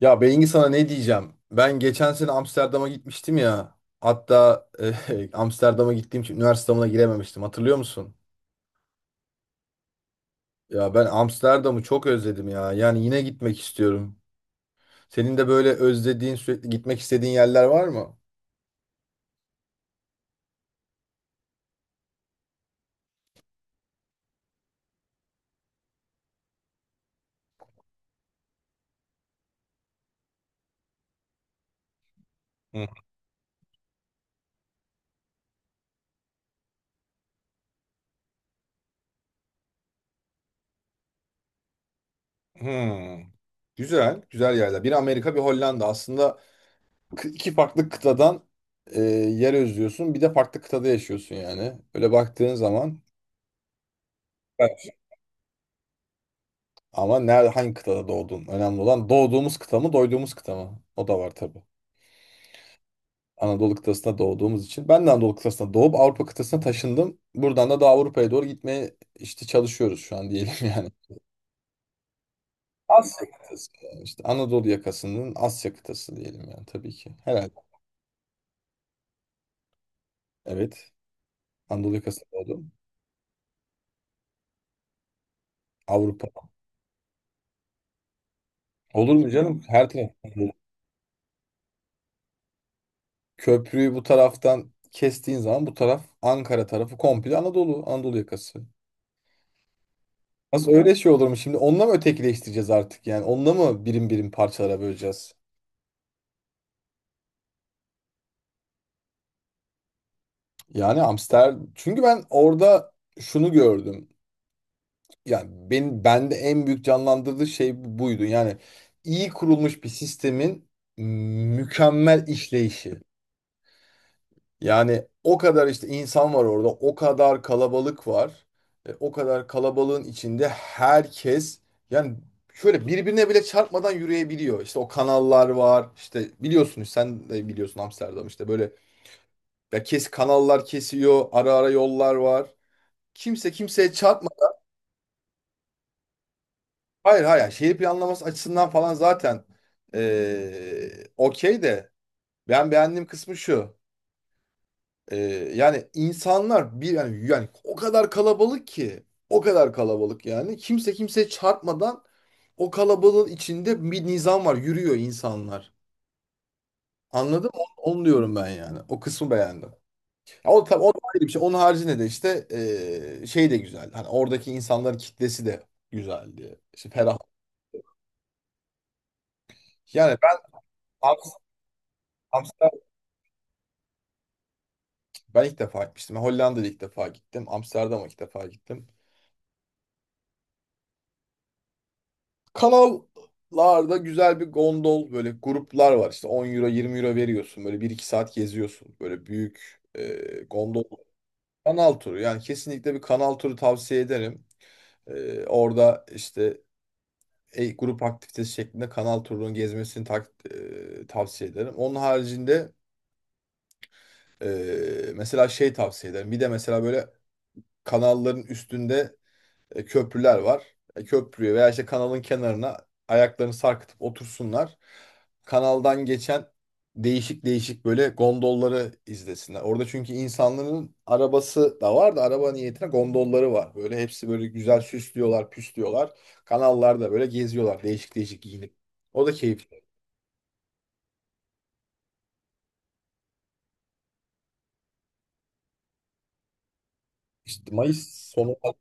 Ya Bengi sana ne diyeceğim? Ben geçen sene Amsterdam'a gitmiştim ya. Hatta Amsterdam'a gittiğim için üniversiteme girememiştim. Hatırlıyor musun? Ya ben Amsterdam'ı çok özledim ya. Yani yine gitmek istiyorum. Senin de böyle özlediğin, sürekli gitmek istediğin yerler var mı? Hı hı. Güzel, güzel yerler. Bir Amerika, bir Hollanda. Aslında iki farklı kıtadan yer özlüyorsun. Bir de farklı kıtada yaşıyorsun yani. Öyle baktığın zaman. Ama nerede hangi kıtada doğdun? Önemli olan doğduğumuz kıta mı, doyduğumuz kıta mı? O da var tabii. Anadolu kıtasında doğduğumuz için. Ben de Anadolu kıtasında doğup Avrupa kıtasına taşındım. Buradan da daha Avrupa'ya doğru gitmeye işte çalışıyoruz şu an diyelim yani. Asya kıtası yani işte Anadolu yakasının Asya kıtası diyelim yani tabii ki. Herhalde. Evet. Anadolu yakasında doğdum. Avrupa. Olur mu canım? Her taraf. Köprüyü bu taraftan kestiğin zaman bu taraf Ankara tarafı komple Anadolu. Anadolu yakası. Nasıl öyle şey olur mu şimdi? Onunla mı ötekileştireceğiz artık yani? Onunla mı birim birim parçalara böleceğiz? Çünkü ben orada şunu gördüm. Yani ben bende en büyük canlandırdığı şey buydu. Yani iyi kurulmuş bir sistemin mükemmel işleyişi. Yani o kadar işte insan var orada, o kadar kalabalık var. O kadar kalabalığın içinde herkes yani şöyle birbirine bile çarpmadan yürüyebiliyor. İşte o kanallar var. İşte biliyorsunuz sen de biliyorsun Amsterdam işte böyle ya kanallar kesiyor, ara ara yollar var. Kimse kimseye çarpma. Hayır hayır, yani şehir planlaması açısından falan zaten e, okey de ben beğendiğim kısmı şu. Ee, Yani insanlar yani o kadar kalabalık ki o kadar kalabalık yani kimse kimseye çarpmadan o kalabalığın içinde bir nizam var, yürüyor insanlar. Anladın mı? Onu diyorum ben yani. O kısmı beğendim. Ya o tabii o da ayrı bir şey. Onun haricinde de işte şey de güzel. Hani oradaki insanların kitlesi de güzeldi. İşte ferah. Yani ben Am- Amsterdam ben ilk defa gitmiştim. Hollanda'da ilk defa gittim. Amsterdam'a ilk defa gittim. Kanallarda güzel bir gondol böyle gruplar var. İşte 10 euro 20 euro veriyorsun. Böyle bir 2 saat geziyorsun. Böyle büyük gondol. Kanal turu. Yani kesinlikle bir kanal turu tavsiye ederim. Orada işte grup aktivitesi şeklinde kanal turunun gezmesini tavsiye ederim. Onun haricinde mesela şey tavsiye ederim. Bir de mesela böyle kanalların üstünde köprüler var. Köprüye veya işte kanalın kenarına ayaklarını sarkıtıp otursunlar. Kanaldan geçen değişik değişik böyle gondolları izlesinler. Orada çünkü insanların arabası da var da araba niyetine gondolları var. Böyle hepsi böyle güzel süslüyorlar, püslüyorlar. Kanallarda böyle geziyorlar değişik değişik giyinip. O da keyifli. İşte Mayıs sonu falan.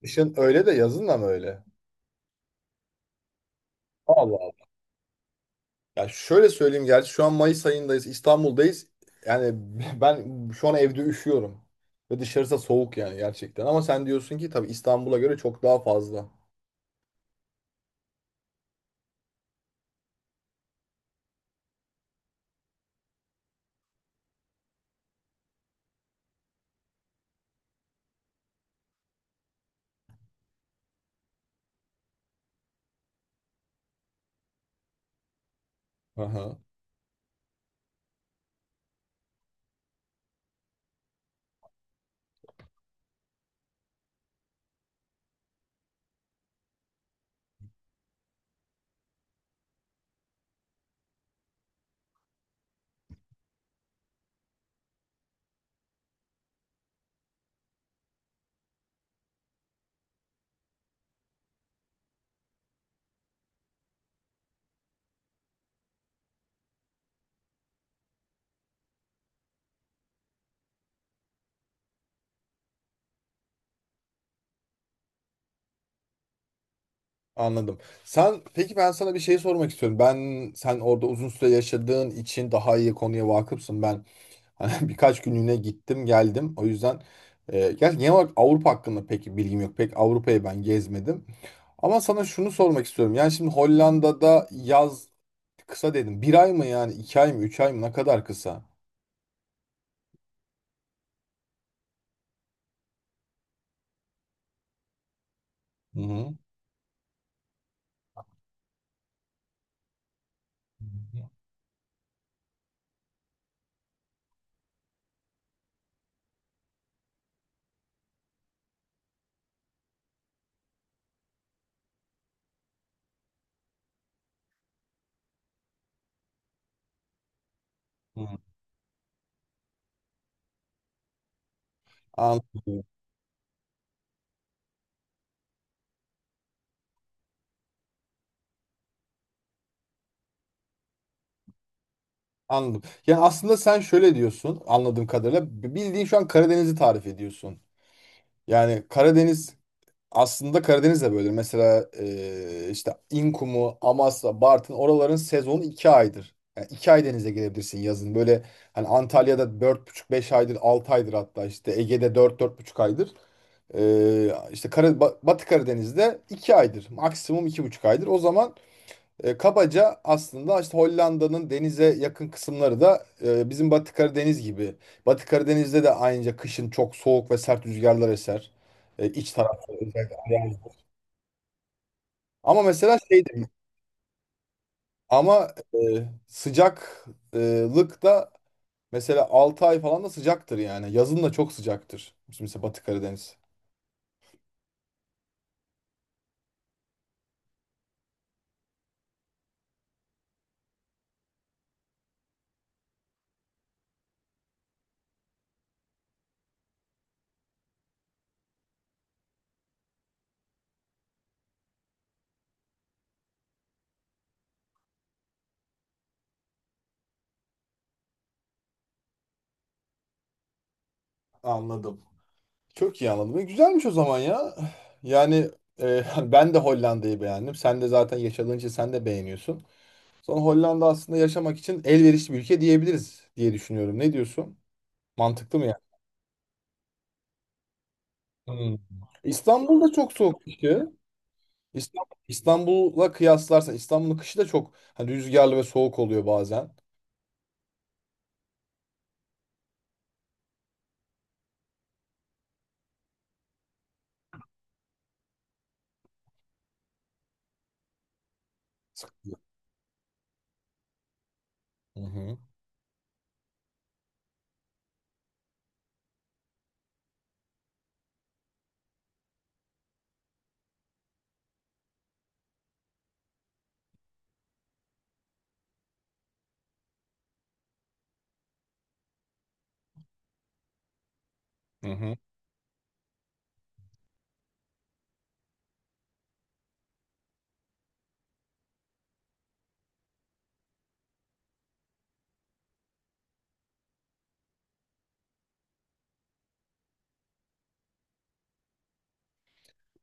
Kışın öyle de yazın da mı öyle? Allah, ya şöyle söyleyeyim, gerçi şu an Mayıs ayındayız, İstanbul'dayız. Yani ben şu an evde üşüyorum. Ve dışarısı da soğuk yani gerçekten. Ama sen diyorsun ki tabii İstanbul'a göre çok daha fazla. Aha, anladım. Sen peki, ben sana bir şey sormak istiyorum. Sen orada uzun süre yaşadığın için daha iyi konuya vakıfsın. Ben hani birkaç günlüğüne gittim geldim. O yüzden gerçi genel olarak Avrupa hakkında pek bilgim yok. Pek Avrupa'yı ben gezmedim. Ama sana şunu sormak istiyorum. Yani şimdi Hollanda'da yaz kısa dedim. 1 ay mı yani? 2 ay mı? 3 ay mı? Ne kadar kısa? Hı hı. Hı. Anladım. Anladım. Yani aslında sen şöyle diyorsun anladığım kadarıyla. Bildiğin şu an Karadeniz'i tarif ediyorsun. Yani Karadeniz Aslında Karadeniz de böyledir. Mesela işte İnkumu, Amasya, Bartın oraların sezonu 2 aydır. Yani iki ay denize girebilirsin yazın. Böyle hani Antalya'da 4,5 5 aydır, 6 aydır hatta, işte Ege'de 4 4,5 aydır. İşte Batı Karadeniz'de 2 aydır. Maksimum 2,5 aydır. O zaman kabaca aslında işte Hollanda'nın denize yakın kısımları da bizim Batı Karadeniz gibi. Batı Karadeniz'de de aynıca kışın çok soğuk ve sert rüzgarlar eser. İç tarafta özellikle. Yani. Ama mesela şey de- ama sıcaklık da mesela 6 ay falan da sıcaktır yani. Yazın da çok sıcaktır. Mesela Batı Karadeniz. Anladım. Çok iyi anladım. E, güzelmiş o zaman ya. Yani e, ben de Hollanda'yı beğendim. Sen de zaten yaşadığın için sen de beğeniyorsun. Sonra Hollanda aslında yaşamak için elverişli bir ülke diyebiliriz diye düşünüyorum. Ne diyorsun? Mantıklı mı yani? Hmm. İstanbul'da çok soğuk kışı. İstanbul'la kıyaslarsan İstanbul'un kışı da çok hani rüzgarlı ve soğuk oluyor bazen. Sıkıntı. Hı hı. Hı hı.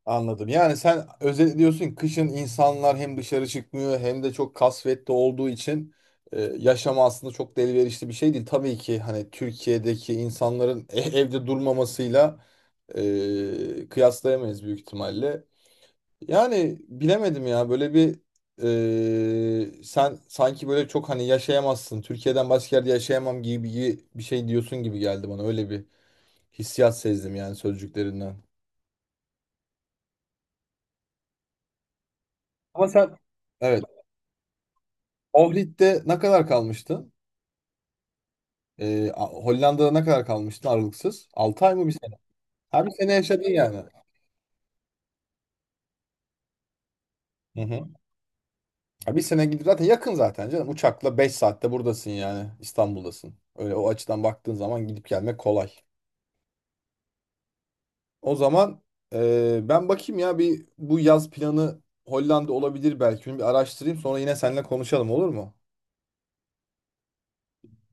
Anladım. Yani sen özetliyorsun ki kışın insanlar hem dışarı çıkmıyor hem de çok kasvetli olduğu için yaşam aslında çok da elverişli bir şey değil. Tabii ki hani Türkiye'deki insanların evde durmamasıyla kıyaslayamayız büyük ihtimalle. Yani bilemedim ya, böyle bir sen sanki böyle çok hani yaşayamazsın, Türkiye'den başka yerde yaşayamam gibi gibi bir şey diyorsun gibi geldi bana. Öyle bir hissiyat sezdim yani sözcüklerinden. Ama sen. Evet. Ohrid'de ne kadar kalmıştın? Hollanda'da ne kadar kalmıştın aralıksız? 6 ay mı, bir sene? Ha, bir sene yaşadın yani. Hı hı. Ha, bir sene gidip zaten yakın zaten canım. Uçakla 5 saatte buradasın yani. İstanbul'dasın. Öyle, o açıdan baktığın zaman gidip gelmek kolay. O zaman ben bakayım ya, bir bu yaz planı Hollanda olabilir belki. Bir araştırayım, sonra yine seninle konuşalım, olur mu?